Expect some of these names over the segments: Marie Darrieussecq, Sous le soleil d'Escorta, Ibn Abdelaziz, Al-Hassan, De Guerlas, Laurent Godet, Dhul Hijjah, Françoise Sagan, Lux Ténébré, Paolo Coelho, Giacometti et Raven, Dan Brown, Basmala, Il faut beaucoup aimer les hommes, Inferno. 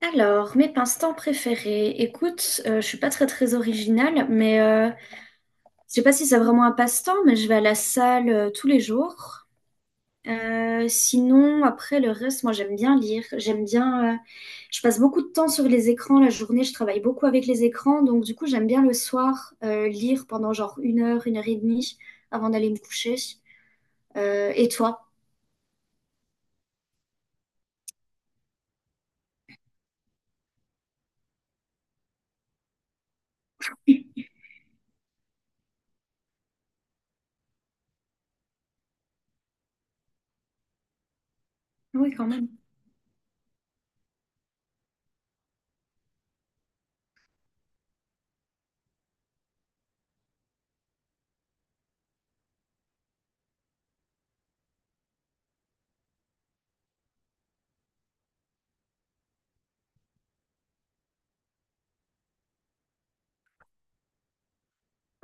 Alors, mes passe-temps préférés. Écoute, je suis pas très très originale, mais je sais pas si c'est vraiment un passe-temps, mais je vais à la salle tous les jours. Sinon, après le reste, moi j'aime bien lire. J'aime bien. Je passe beaucoup de temps sur les écrans la journée. Je travaille beaucoup avec les écrans, donc du coup j'aime bien le soir lire pendant genre une heure et demie avant d'aller me coucher. Et toi? Oui, quand même.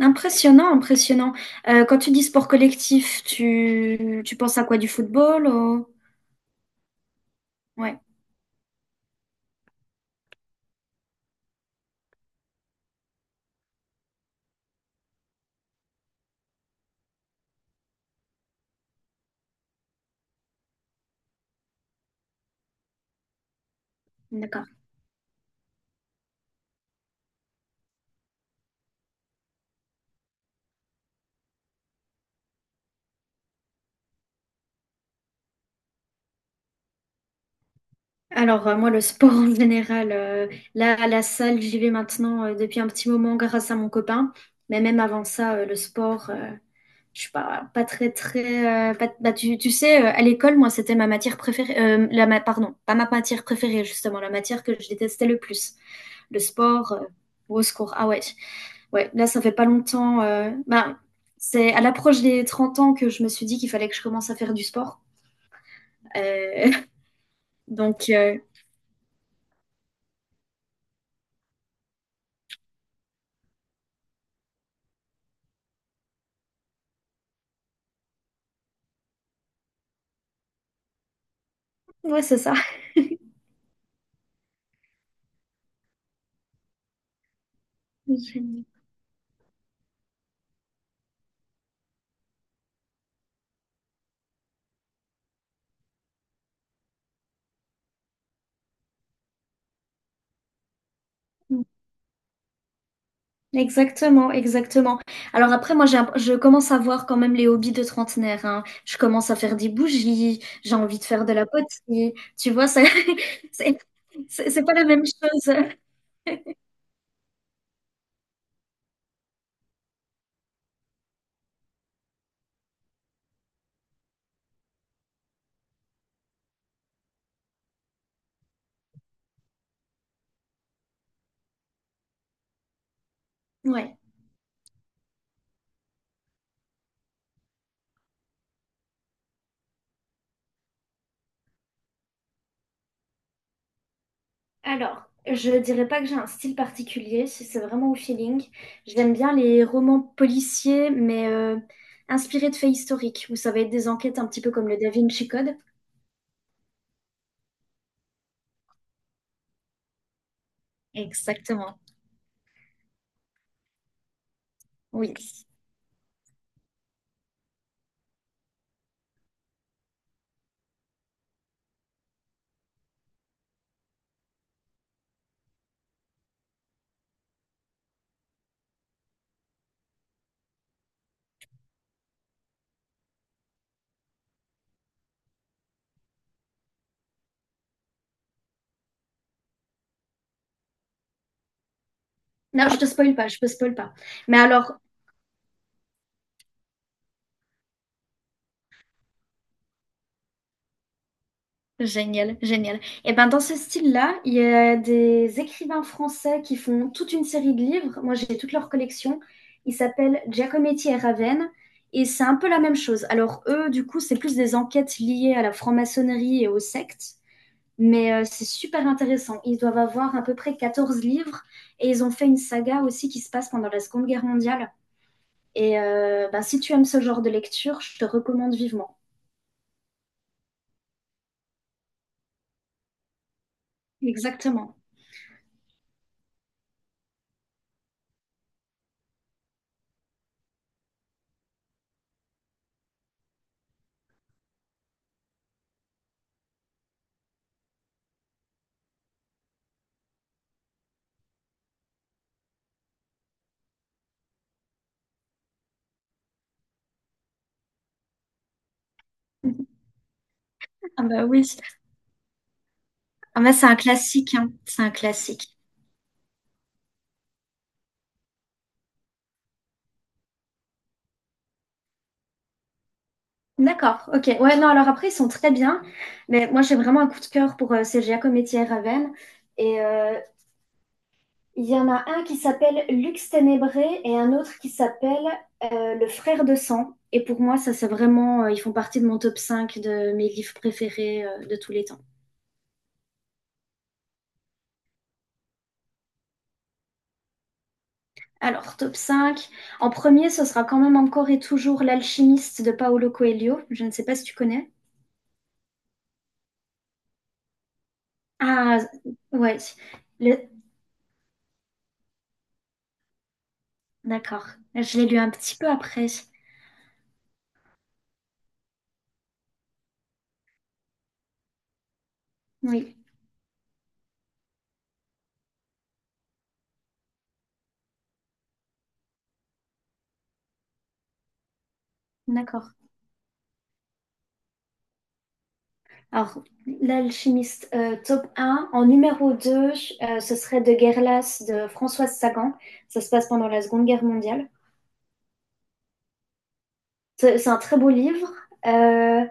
Impressionnant, impressionnant. Quand tu dis sport collectif, tu penses à quoi? Du football ou- Ouais, d'accord. Alors, moi, le sport en général, là, à la salle, j'y vais maintenant depuis un petit moment grâce à mon copain. Mais même avant ça, le sport, je suis pas très, très. Bah, tu sais, à l'école, moi, c'était ma matière préférée. Pardon, pas ma matière préférée, justement, la matière que je détestais le plus. Le sport, au secours. Ah ouais, ouais, là, ça fait pas longtemps. Ben, c'est à l'approche des 30 ans que je me suis dit qu'il fallait que je commence à faire du sport. Euh, donc, ouais, c'est ça. Exactement, exactement. Alors après, moi, je commence à voir quand même les hobbies de trentenaire, hein. Je commence à faire des bougies, j'ai envie de faire de la poterie. Tu vois, ça, c'est c'est pas la même chose. Ouais. Alors, je dirais pas que j'ai un style particulier, c'est vraiment au feeling. J'aime bien les romans policiers, mais inspirés de faits historiques, où ça va être des enquêtes un petit peu comme le Da Vinci Code. Exactement, oui. Oui. Non, je te spoil pas, je te spoil pas. Mais alors, génial, génial. Et ben dans ce style-là, il y a des écrivains français qui font toute une série de livres. Moi, j'ai toute leur collection. Ils s'appellent Giacometti et Raven. Et c'est un peu la même chose. Alors eux, du coup, c'est plus des enquêtes liées à la franc-maçonnerie et aux sectes. Mais c'est super intéressant. Ils doivent avoir à peu près 14 livres. Et ils ont fait une saga aussi qui se passe pendant la Seconde Guerre mondiale. Et ben, si tu aimes ce genre de lecture, je te recommande vivement. Exactement. Ah bah oui. Ah bah, c'est un classique, hein. C'est un classique. D'accord, ok. Ouais, non, alors après, ils sont très bien. Mais moi, j'ai vraiment un coup de cœur pour ces Giacometti et Raven. Et il y en a un qui s'appelle Lux Ténébré et un autre qui s'appelle Le Frère de Sang. Et pour moi, ça, c'est vraiment. Ils font partie de mon top 5 de mes livres préférés de tous les temps. Alors, top cinq. En premier, ce sera quand même encore et toujours L'Alchimiste de Paolo Coelho. Je ne sais pas si tu connais. Ah, ouais. Le- D'accord. Je l'ai lu un petit peu après. Oui, d'accord. Alors, l'alchimiste, top un. En numéro 2, ce serait De Guerlas de Françoise Sagan. Ça se passe pendant la Seconde Guerre mondiale. C'est un très beau livre. Euh,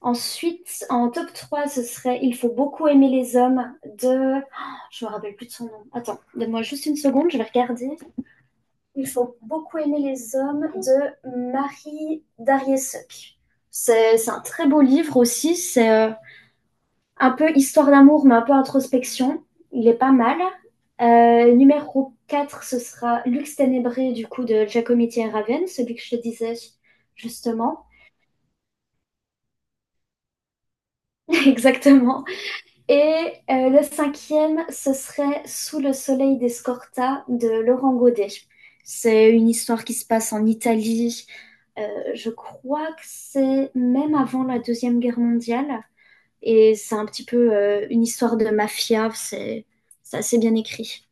Ensuite, en top 3, ce serait Il faut beaucoup aimer les hommes de. Oh, je me rappelle plus de son nom. Attends, donne-moi juste une seconde, je vais regarder. Il faut beaucoup aimer les hommes de Marie Darrieussecq. C'est un très beau livre aussi. C'est un peu histoire d'amour, mais un peu introspection. Il est pas mal. Numéro 4, ce sera Lux Ténébré, du coup, de Giacometti et Raven, celui que je te disais justement. Exactement. Et le cinquième, ce serait Sous le soleil d'Escorta de Laurent Godet. C'est une histoire qui se passe en Italie. Je crois que c'est même avant la Deuxième Guerre mondiale. Et c'est un petit peu une histoire de mafia. C'est assez bien écrit.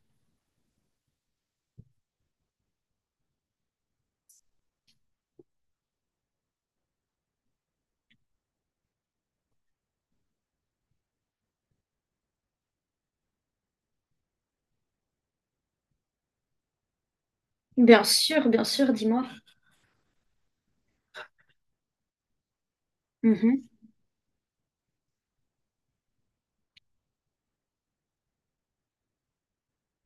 Bien sûr, dis-moi. Mhm.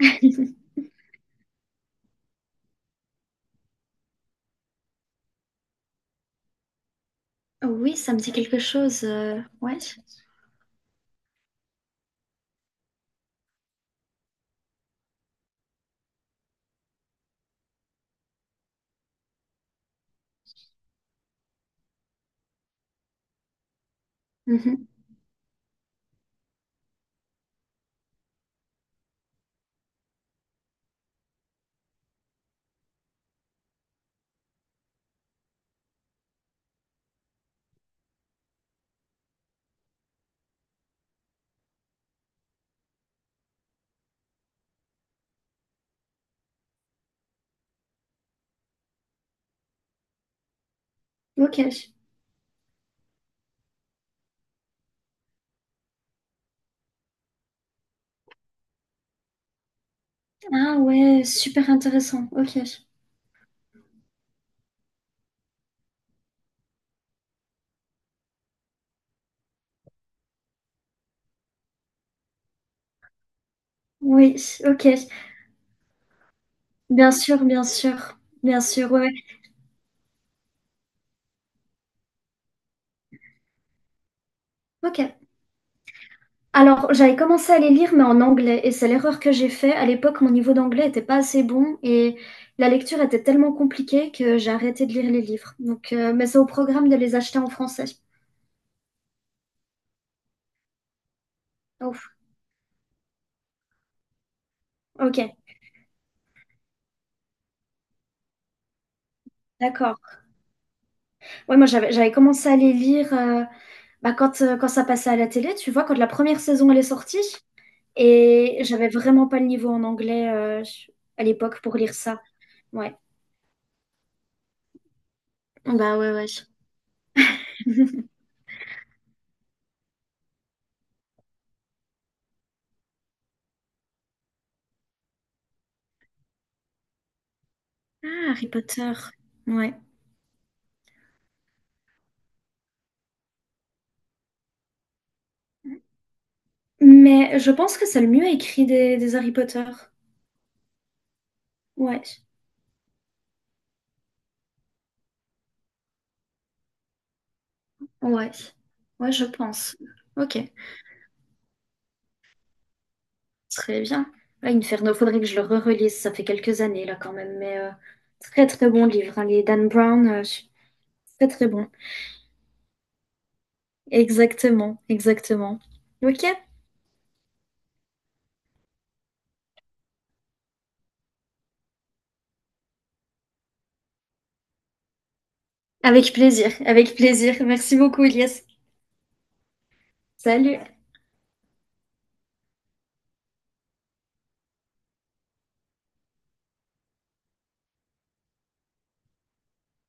Oui, ça me dit quelque chose. Ouais. Mhm. Ok. Ah ouais, super intéressant. Ok. Oui, ok. Bien sûr, bien sûr, bien sûr, ouais, ouais. OK. Alors, j'avais commencé à les lire, mais en anglais, et c'est l'erreur que j'ai fait. À l'époque, mon niveau d'anglais était pas assez bon, et la lecture était tellement compliquée que j'ai arrêté de lire les livres. Donc, mais c'est au programme de les acheter en français. Ouf. OK, d'accord. Ouais, moi, j'avais commencé à les lire bah, quand ça passait à la télé, tu vois, quand la première saison, elle est sortie, et j'avais vraiment pas le niveau en anglais à l'époque pour lire ça. Ouais, bah ouais, ouais. Ah, Harry Potter. Ouais. Mais je pense que c'est le mieux écrit des Harry Potter. Ouais. Ouais. Ouais, je pense. Ok. Très bien. Ouais, Inferno, faudrait que je le re-relise. Ça fait quelques années, là, quand même. Mais très, très bon livre, hein. Les Dan Brown, très, très bon. Exactement. Exactement. Ok. Avec plaisir. Avec plaisir. Merci beaucoup, Elias. Salut.